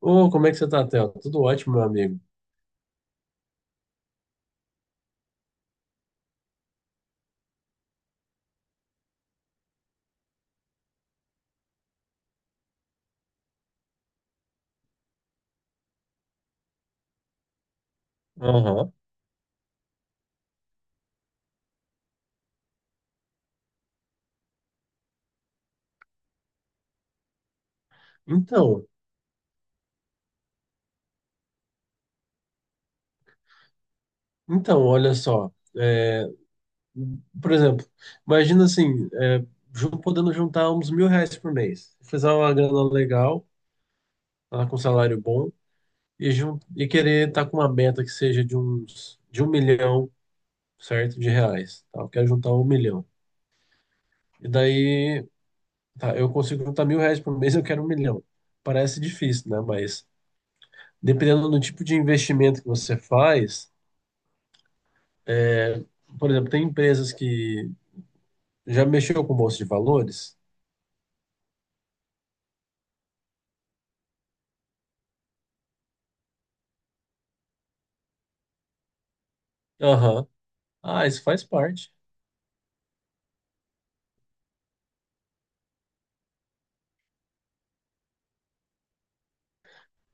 Ô, como é que você tá, Theo? Tudo ótimo, meu amigo. Aham. Então, então, olha só. é, Por exemplo, imagina assim, podendo juntar uns R$ 1.000 por mês. Fazer uma grana legal, tá, com salário bom, e, e querer estar com uma meta que seja de uns de 1 milhão, certo? De reais. Tá? Eu quero juntar 1 milhão. E daí, tá, eu consigo juntar R$ 1.000 por mês, eu quero 1 milhão. Parece difícil, né? Mas dependendo do tipo de investimento que você faz. Por exemplo, tem empresas que já mexeu com bolsa de valores? Aham. Ah, isso faz parte.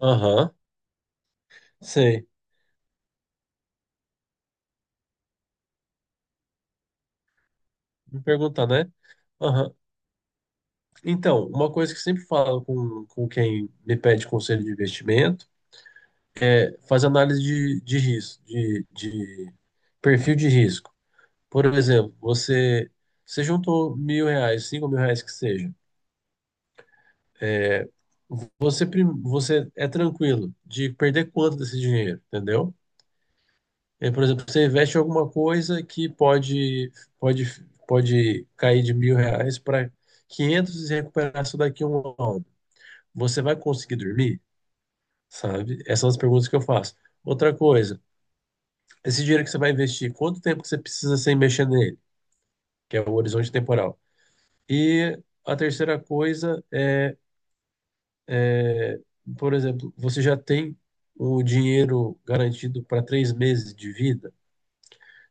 Aham. Sei. Me perguntar, né? Aham. Então, uma coisa que eu sempre falo com quem me pede conselho de investimento é fazer análise de risco, de perfil de risco. Por exemplo, você juntou R$ 1.000, R$ 5.000 que seja. é, você é tranquilo de perder quanto desse dinheiro, entendeu? É, por exemplo, você investe em alguma coisa que pode, pode cair de R$ 1.000 para 500 e recuperar isso daqui a um ano. Você vai conseguir dormir? Sabe? Essas são as perguntas que eu faço. Outra coisa, esse dinheiro que você vai investir, quanto tempo que você precisa sem mexer nele? Que é o horizonte temporal. E a terceira coisa é, por exemplo, você já tem o dinheiro garantido para 3 meses de vida?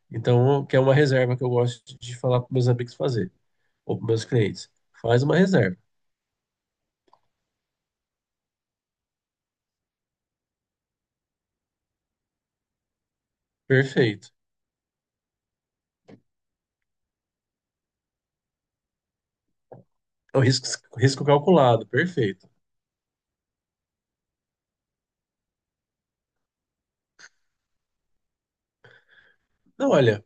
Então, que é uma reserva que eu gosto de falar para meus amigos fazer, ou para meus clientes. Faz uma reserva. Perfeito. É o risco, risco calculado. Perfeito. Não, olha,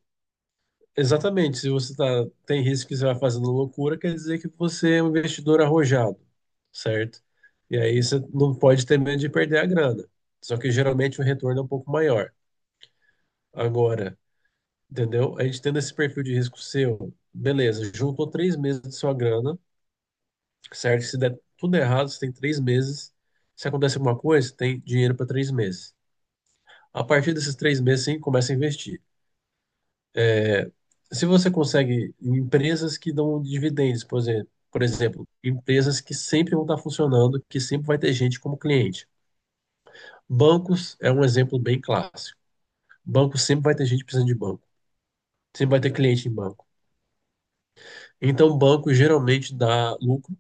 exatamente. Se você tá, tem risco que você vai fazendo loucura, quer dizer que você é um investidor arrojado, certo? E aí você não pode ter medo de perder a grana. Só que geralmente o retorno é um pouco maior. Agora, entendeu? A gente tendo esse perfil de risco seu, beleza, juntou 3 meses de sua grana, certo? Se der tudo errado, você tem 3 meses. Se acontecer alguma coisa, você tem dinheiro para 3 meses. A partir desses 3 meses, sim, começa a investir. É, Se você consegue em empresas que dão dividendos, por exemplo, empresas que sempre vão estar funcionando, que sempre vai ter gente como cliente. Bancos é um exemplo bem clássico. Banco sempre vai ter gente precisando de banco, sempre vai ter cliente em banco. Então, banco geralmente dá lucro.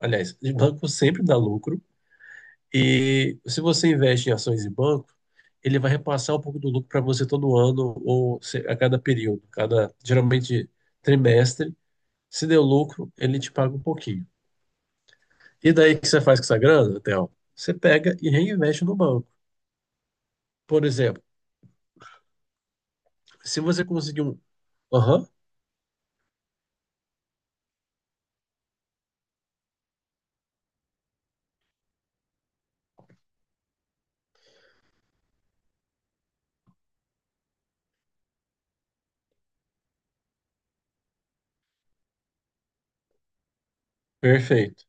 Aliás, banco sempre dá lucro. E se você investe em ações e banco, ele vai repassar um pouco do lucro para você todo ano ou a cada período, cada geralmente trimestre. Se deu lucro, ele te paga um pouquinho. E daí o que você faz com essa grana, Theo? Você pega e reinveste no banco. Por exemplo, se você conseguir um. Aham, perfeito.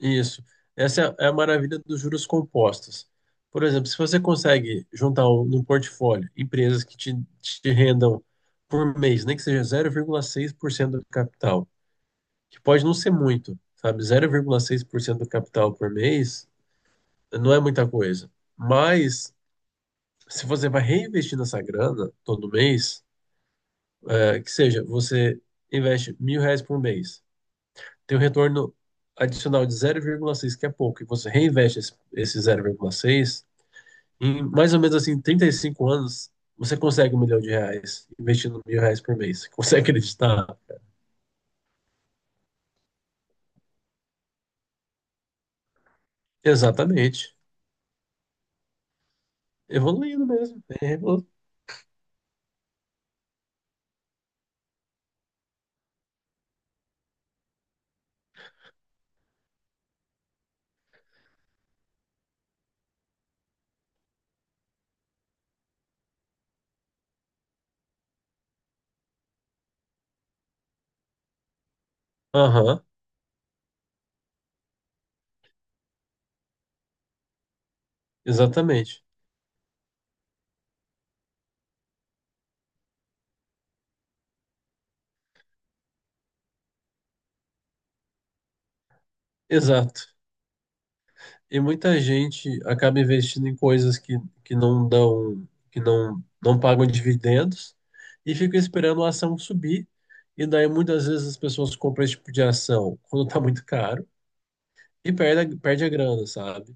Isso. Essa é a maravilha dos juros compostos. Por exemplo, se você consegue juntar um, num portfólio empresas que te rendam por mês, nem que seja 0,6% do capital, que pode não ser muito, sabe? 0,6% do capital por mês não é muita coisa. Mas se você vai reinvestir nessa grana todo mês, que seja, você investe R$ 1.000 por mês. Tem um retorno adicional de 0,6 que é pouco, e você reinveste esse 0,6 em mais ou menos assim 35 anos, você consegue R$ 1 milhão investindo R$ 1.000 por mês. Você consegue acreditar? Exatamente. Evoluindo mesmo. Aham, exatamente. Exato. E muita gente acaba investindo em coisas que não dão, que não pagam dividendos e fica esperando a ação subir. E daí muitas vezes as pessoas compram esse tipo de ação quando está muito caro e perde a grana, sabe?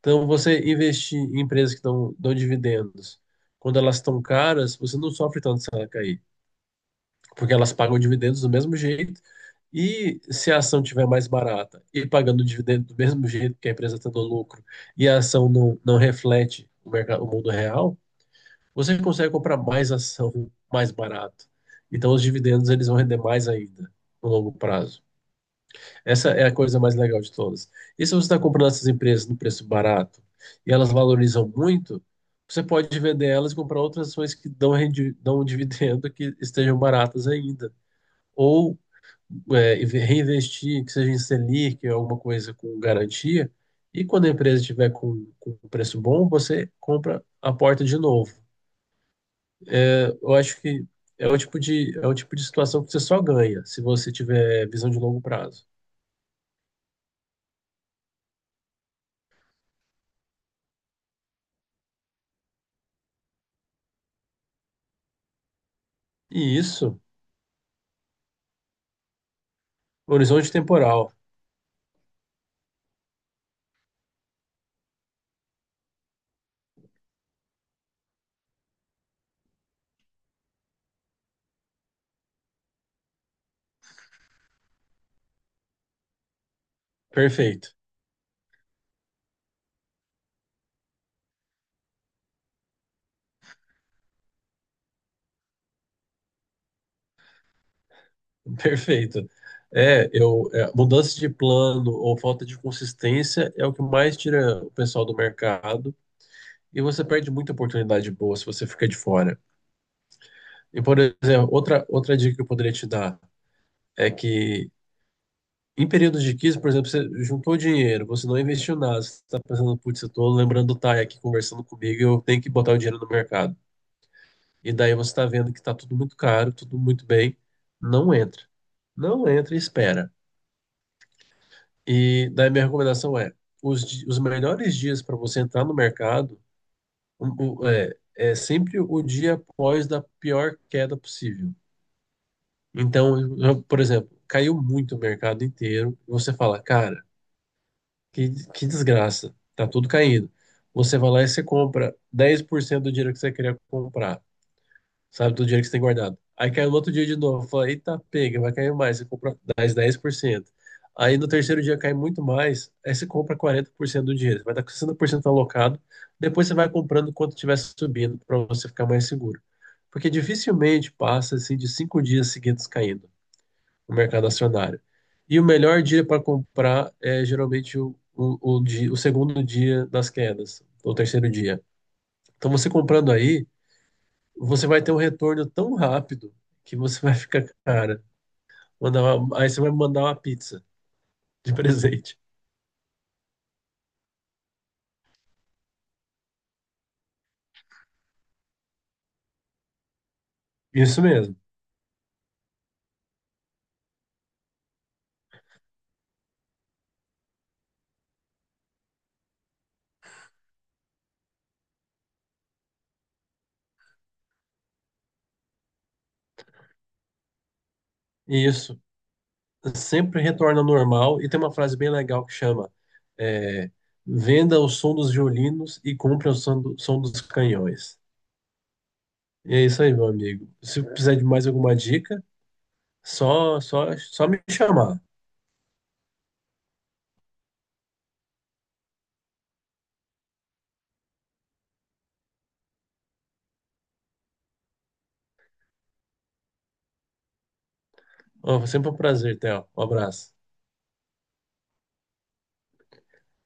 Então você investir em empresas que dão dividendos quando elas estão caras, você não sofre tanto se ela cair porque elas pagam dividendos do mesmo jeito. E se a ação tiver mais barata e pagando dividendo do mesmo jeito que a empresa está dando lucro e a ação não reflete mercado, o mundo real, você consegue comprar mais ação mais barato. Então os dividendos eles vão render mais ainda no longo prazo. Essa é a coisa mais legal de todas. E se você está comprando essas empresas no preço barato e elas valorizam muito, você pode vender elas e comprar outras ações que dão um dividendo que estejam baratas ainda. Ou reinvestir, que seja em Selic, alguma coisa com garantia, e quando a empresa estiver com um preço bom, você compra a porta de novo. Eu acho que é o tipo de situação que você só ganha se você tiver visão de longo prazo. E isso, horizonte temporal, perfeito, perfeito. Mudança de plano ou falta de consistência é o que mais tira o pessoal do mercado e você perde muita oportunidade boa se você fica de fora. E, por exemplo, outra dica que eu poderia te dar é que em períodos de crise, por exemplo, você juntou dinheiro, você não investiu nada, você está pensando, putz, eu estou lembrando do Thay aqui conversando comigo, eu tenho que botar o dinheiro no mercado. E daí você está vendo que está tudo muito caro, tudo muito bem, não entra. Não entra e espera. E daí minha recomendação é, os melhores dias para você entrar no mercado sempre o dia após da pior queda possível. Então, por exemplo, caiu muito o mercado inteiro. Você fala, cara, que desgraça, tá tudo caindo. Você vai lá e você compra 10% do dinheiro que você queria comprar, sabe, do dinheiro que você tem guardado. Aí caiu no outro dia de novo, fala, eita, pega, vai cair mais, você compra mais 10%. Aí no terceiro dia cai muito mais, aí você compra 40% do dinheiro, você vai dar com 60% alocado, depois você vai comprando quanto estiver subindo para você ficar mais seguro. Porque dificilmente passa assim de 5 dias seguidos caindo o mercado acionário. E o melhor dia para comprar é geralmente o segundo dia das quedas, ou terceiro dia. Então, você comprando aí, você vai ter um retorno tão rápido que você vai ficar, cara, aí você vai mandar uma pizza de presente. Isso mesmo, isso. Sempre retorna ao normal. E tem uma frase bem legal que chama: é, venda o som dos violinos e compre o som, som dos canhões. E é isso aí, meu amigo. Se precisar de mais alguma dica, só me chamar. Ó, foi sempre um prazer, Theo. Um abraço.